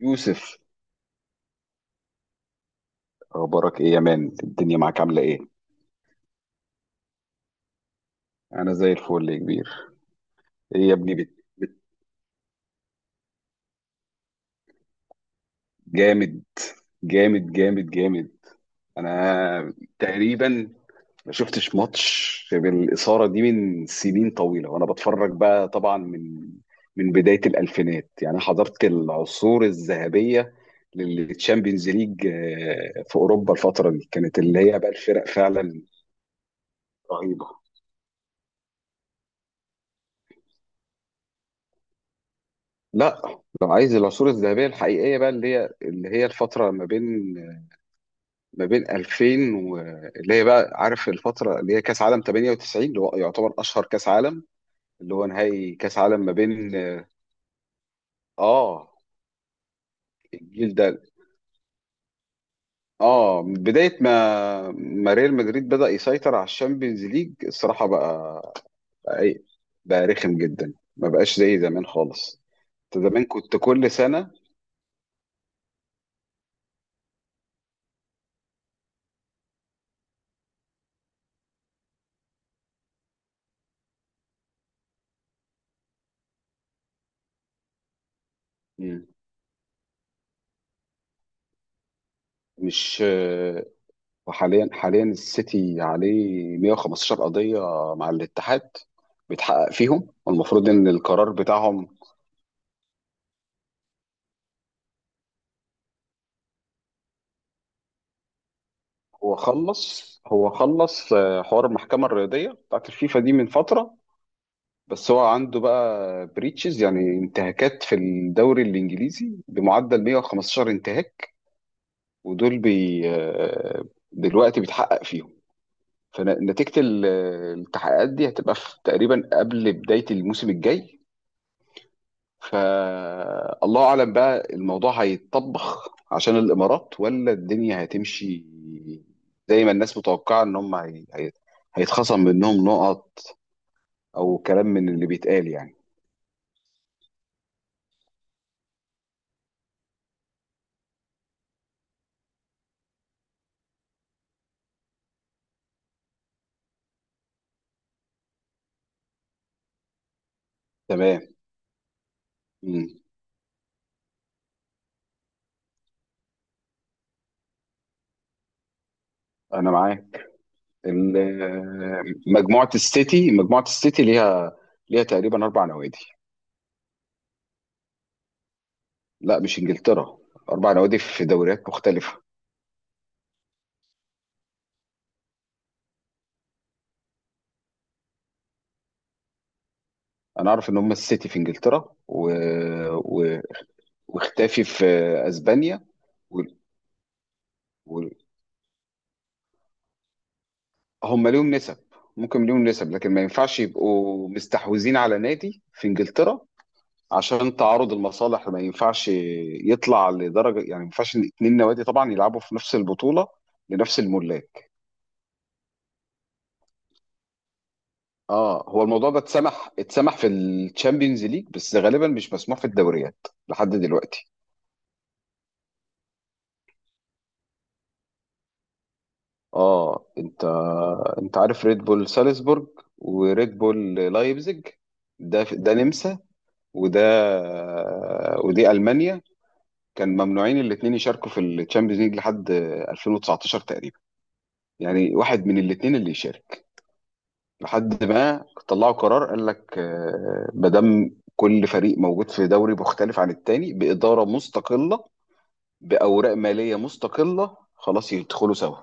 يوسف، اخبارك ايه يا مان؟ الدنيا معاك عامله ايه؟ انا زي الفل يا كبير. ايه يا ابني بت... جامد جامد جامد جامد. انا تقريبا ما شفتش ماتش بالاثاره دي من سنين طويله، وانا بتفرج بقى طبعا من بدايه الالفينات، يعني حضرت العصور الذهبيه للتشامبيونز ليج، في اوروبا. الفتره دي كانت اللي هي بقى الفرق فعلا رهيبه. لا، لو عايز العصور الذهبية الحقيقية بقى اللي هي الفترة ما بين 2000 و... اللي هي بقى عارف الفترة اللي هي كأس عالم 98، اللي هو يعتبر أشهر كأس عالم، اللي هو نهائي كأس عالم ما بين آه الجيل ده. من بداية ما ريال مدريد بدأ يسيطر على الشامبيونز ليج الصراحة إيه؟ بقى رخم جدا، ما بقاش زي زمان خالص. أنت زمان كنت كل سنة. مم. مش وحاليا السيتي عليه 115 قضية مع الاتحاد، بيتحقق فيهم، والمفروض ان القرار بتاعهم. هو خلص حوار المحكمة الرياضية بتاعت الفيفا دي من فترة. بس هو عنده بقى بريتشز، يعني انتهاكات في الدوري الانجليزي بمعدل 115 انتهاك، ودول بي دلوقتي بيتحقق فيهم. فنتيجة التحقيقات دي هتبقى في تقريبا قبل بداية الموسم الجاي. فالله اعلم بقى الموضوع هيتطبخ عشان الامارات، ولا الدنيا هتمشي زي ما الناس متوقعه ان هم هيتخصم منهم نقط، او كلام من اللي بيتقال يعني. تمام. مم. انا معاك. مجموعه السيتي ليها تقريبا اربع نوادي. لا مش انجلترا، اربع نوادي في دوريات مختلفه. انا اعرف ان هم السيتي في انجلترا و... و... واختافي في اسبانيا وال- هم ليهم نسب. ممكن ليهم نسب، لكن ما ينفعش يبقوا مستحوذين على نادي في انجلترا عشان تعارض المصالح. ما ينفعش يطلع لدرجه يعني، ما ينفعش إن اتنين نوادي طبعا يلعبوا في نفس البطوله لنفس الملاك. اه، هو الموضوع ده اتسمح في الشامبيونز ليج، بس غالبا مش مسموح في الدوريات لحد دلوقتي. اه، انت عارف ريد بول سالزبورج وريد بول لايبزيج. ده نمسا، وده ودي المانيا. كان ممنوعين الاثنين يشاركوا في الشامبيونز ليج لحد 2019 تقريبا، يعني واحد من الاثنين اللي يشارك. لحد ما طلعوا قرار قال لك ما دام كل فريق موجود في دوري مختلف عن التاني بإدارة مستقلة، بأوراق مالية مستقلة، خلاص يدخلوا سوا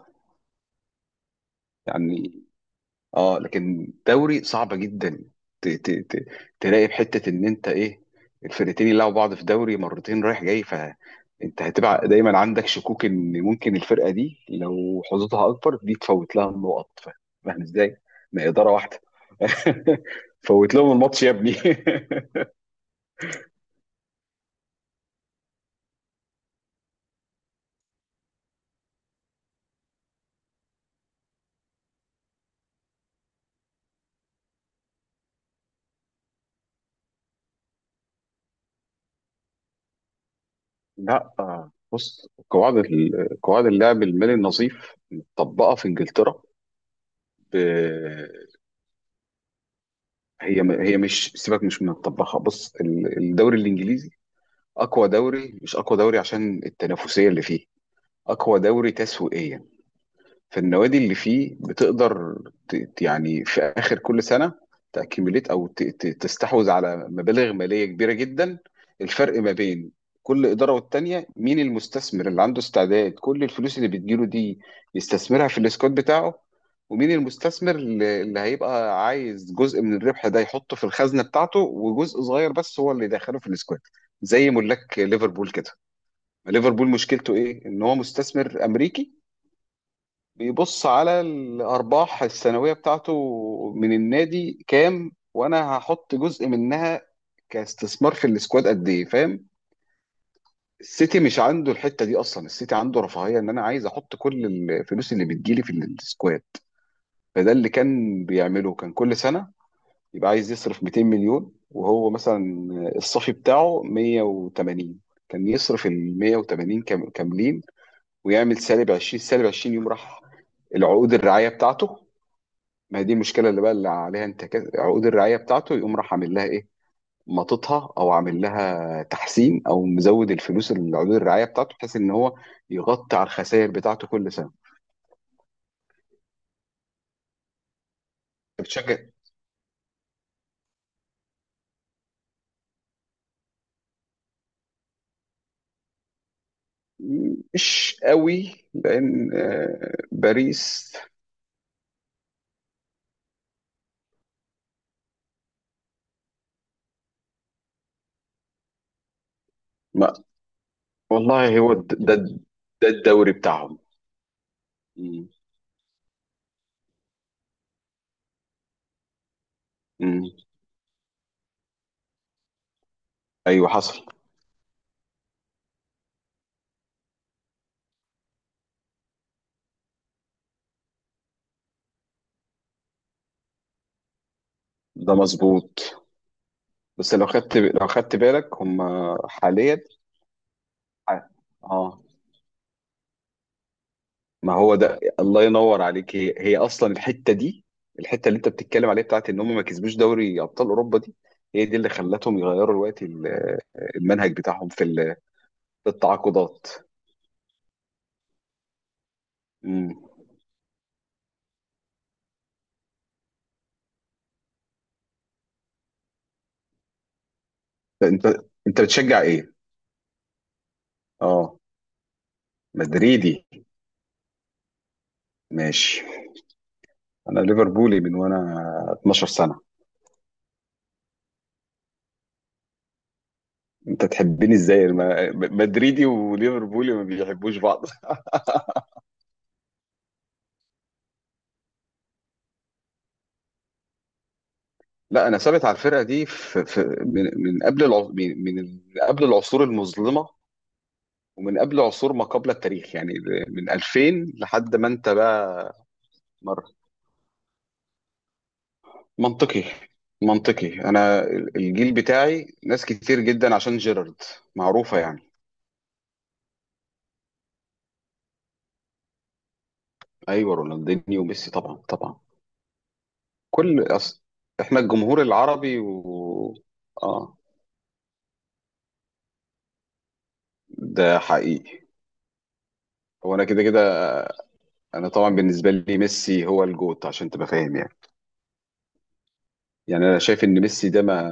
يعني. اه لكن دوري صعبه جدا. ت- ت- ت- تلاقي في حته ان انت ايه، الفرقتين يلعبوا بعض في دوري مرتين رايح جاي، فانت هتبقى دايما عندك شكوك ان ممكن الفرقه دي لو حظوظها اكبر دي تفوت لها النقط. فاهم ازاي؟ ما هي اداره واحده. فوت لهم الماتش يا ابني. لا بص قواعد قواعد اللعب المالي النظيف مطبقه في انجلترا. ب- هي مش سيبك، مش من مطبقها. بص الدوري الانجليزي اقوى دوري، مش اقوى دوري عشان التنافسيه اللي فيه، اقوى دوري تسويقيا. فالنوادي اللي فيه بتقدر يعني في اخر كل سنه تاكيميليت، او تستحوذ على مبالغ ماليه كبيره جدا. الفرق ما بين كل اداره والتانيه، مين المستثمر اللي عنده استعداد كل الفلوس اللي بتجيله دي يستثمرها في الاسكواد بتاعه، ومين المستثمر اللي هيبقى عايز جزء من الربح ده يحطه في الخزنه بتاعته، وجزء صغير بس هو اللي يدخله في الاسكواد، زي ملاك ليفربول كده. ليفربول مشكلته ايه؟ ان هو مستثمر امريكي، بيبص على الارباح السنويه بتاعته من النادي كام، وانا هحط جزء منها كاستثمار في السكواد قد ايه، فاهم؟ السيتي مش عنده الحته دي اصلا. السيتي عنده رفاهيه ان انا عايز احط كل الفلوس اللي بتجيلي في السكواد. فده اللي كان بيعمله، كان كل سنه يبقى عايز يصرف 200 مليون، وهو مثلا الصافي بتاعه 180. كان يصرف ال 180 كاملين، ويعمل سالب 20 سالب 20. يوم راح العقود الرعايه بتاعته، ما هي دي المشكله اللي بقى اللي عليها انتكاس. عقود الرعايه بتاعته يقوم راح عامل لها ايه، مططها، او عامل لها تحسين، او مزود الفلوس اللي عقود الرعايه بتاعته، بحيث ان هو يغطي على الخسائر بتاعته كل سنه. بتشجع؟ مش قوي لان باريس ما والله. هو ده ده الدوري بتاعهم. مم. مم. ايوه حصل. ده مظبوط. بس لو خدت لو خدت بالك هم حاليا. ح- اه، ما هو ده الله ينور عليك. هي اصلا الحته دي، الحته اللي انت بتتكلم عليها بتاعت ان هم ما كسبوش دوري ابطال اوروبا دي، هي دي اللي خلتهم يغيروا الوقت المنهج بتاعهم في في التعاقدات. مم. انت انت بتشجع ايه؟ اه. مدريدي. ماشي. انا ليفربولي من وانا 12 سنه. انت تحبني ازاي؟ مدريدي وليفربولي ما بيحبوش بعض. لا، انا ثابت على الفرقه دي في من قبل من قبل العصور المظلمه، ومن قبل عصور ما قبل التاريخ، يعني من 2000 لحد ما انت بقى. مر. منطقي، منطقي. انا الجيل بتاعي ناس كتير جدا عشان جيرارد. معروفة يعني. ايوه، رونالدينيو وميسي طبعا طبعا. كل أص... احنا الجمهور العربي، و اه ده حقيقي. هو انا كده كده، انا طبعا بالنسبة لي ميسي هو الجوت، عشان تبقى فاهم يعني. يعني انا شايف ان ميسي ده ما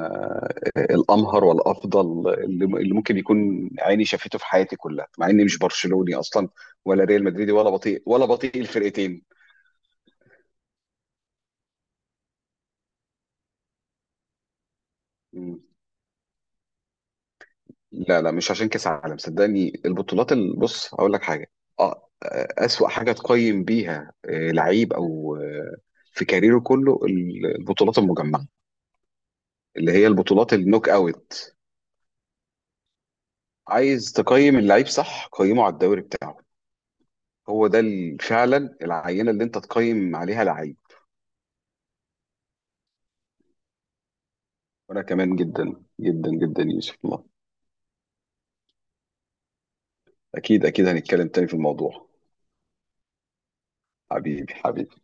الامهر والافضل اللي ممكن يكون عيني شافته في حياتي كلها، مع اني مش برشلوني اصلا ولا ريال مدريدي، ولا بطيء ولا بطيء الفرقتين. مم. لا لا، مش عشان كاس عالم. صدقني، البطولات بص هقول لك حاجه. اه. اسوأ حاجه تقيم بيها لعيب، او في كاريره كله البطولات المجمعه اللي هي البطولات النوك اوت. عايز تقيم اللعيب صح؟ قيمه على الدوري بتاعه. هو ده فعلا العينه اللي انت تقيم عليها لعيب. وانا كمان جدا جدا جدا، يوسف. الله. اكيد اكيد هنتكلم تاني في الموضوع. حبيبي حبيبي.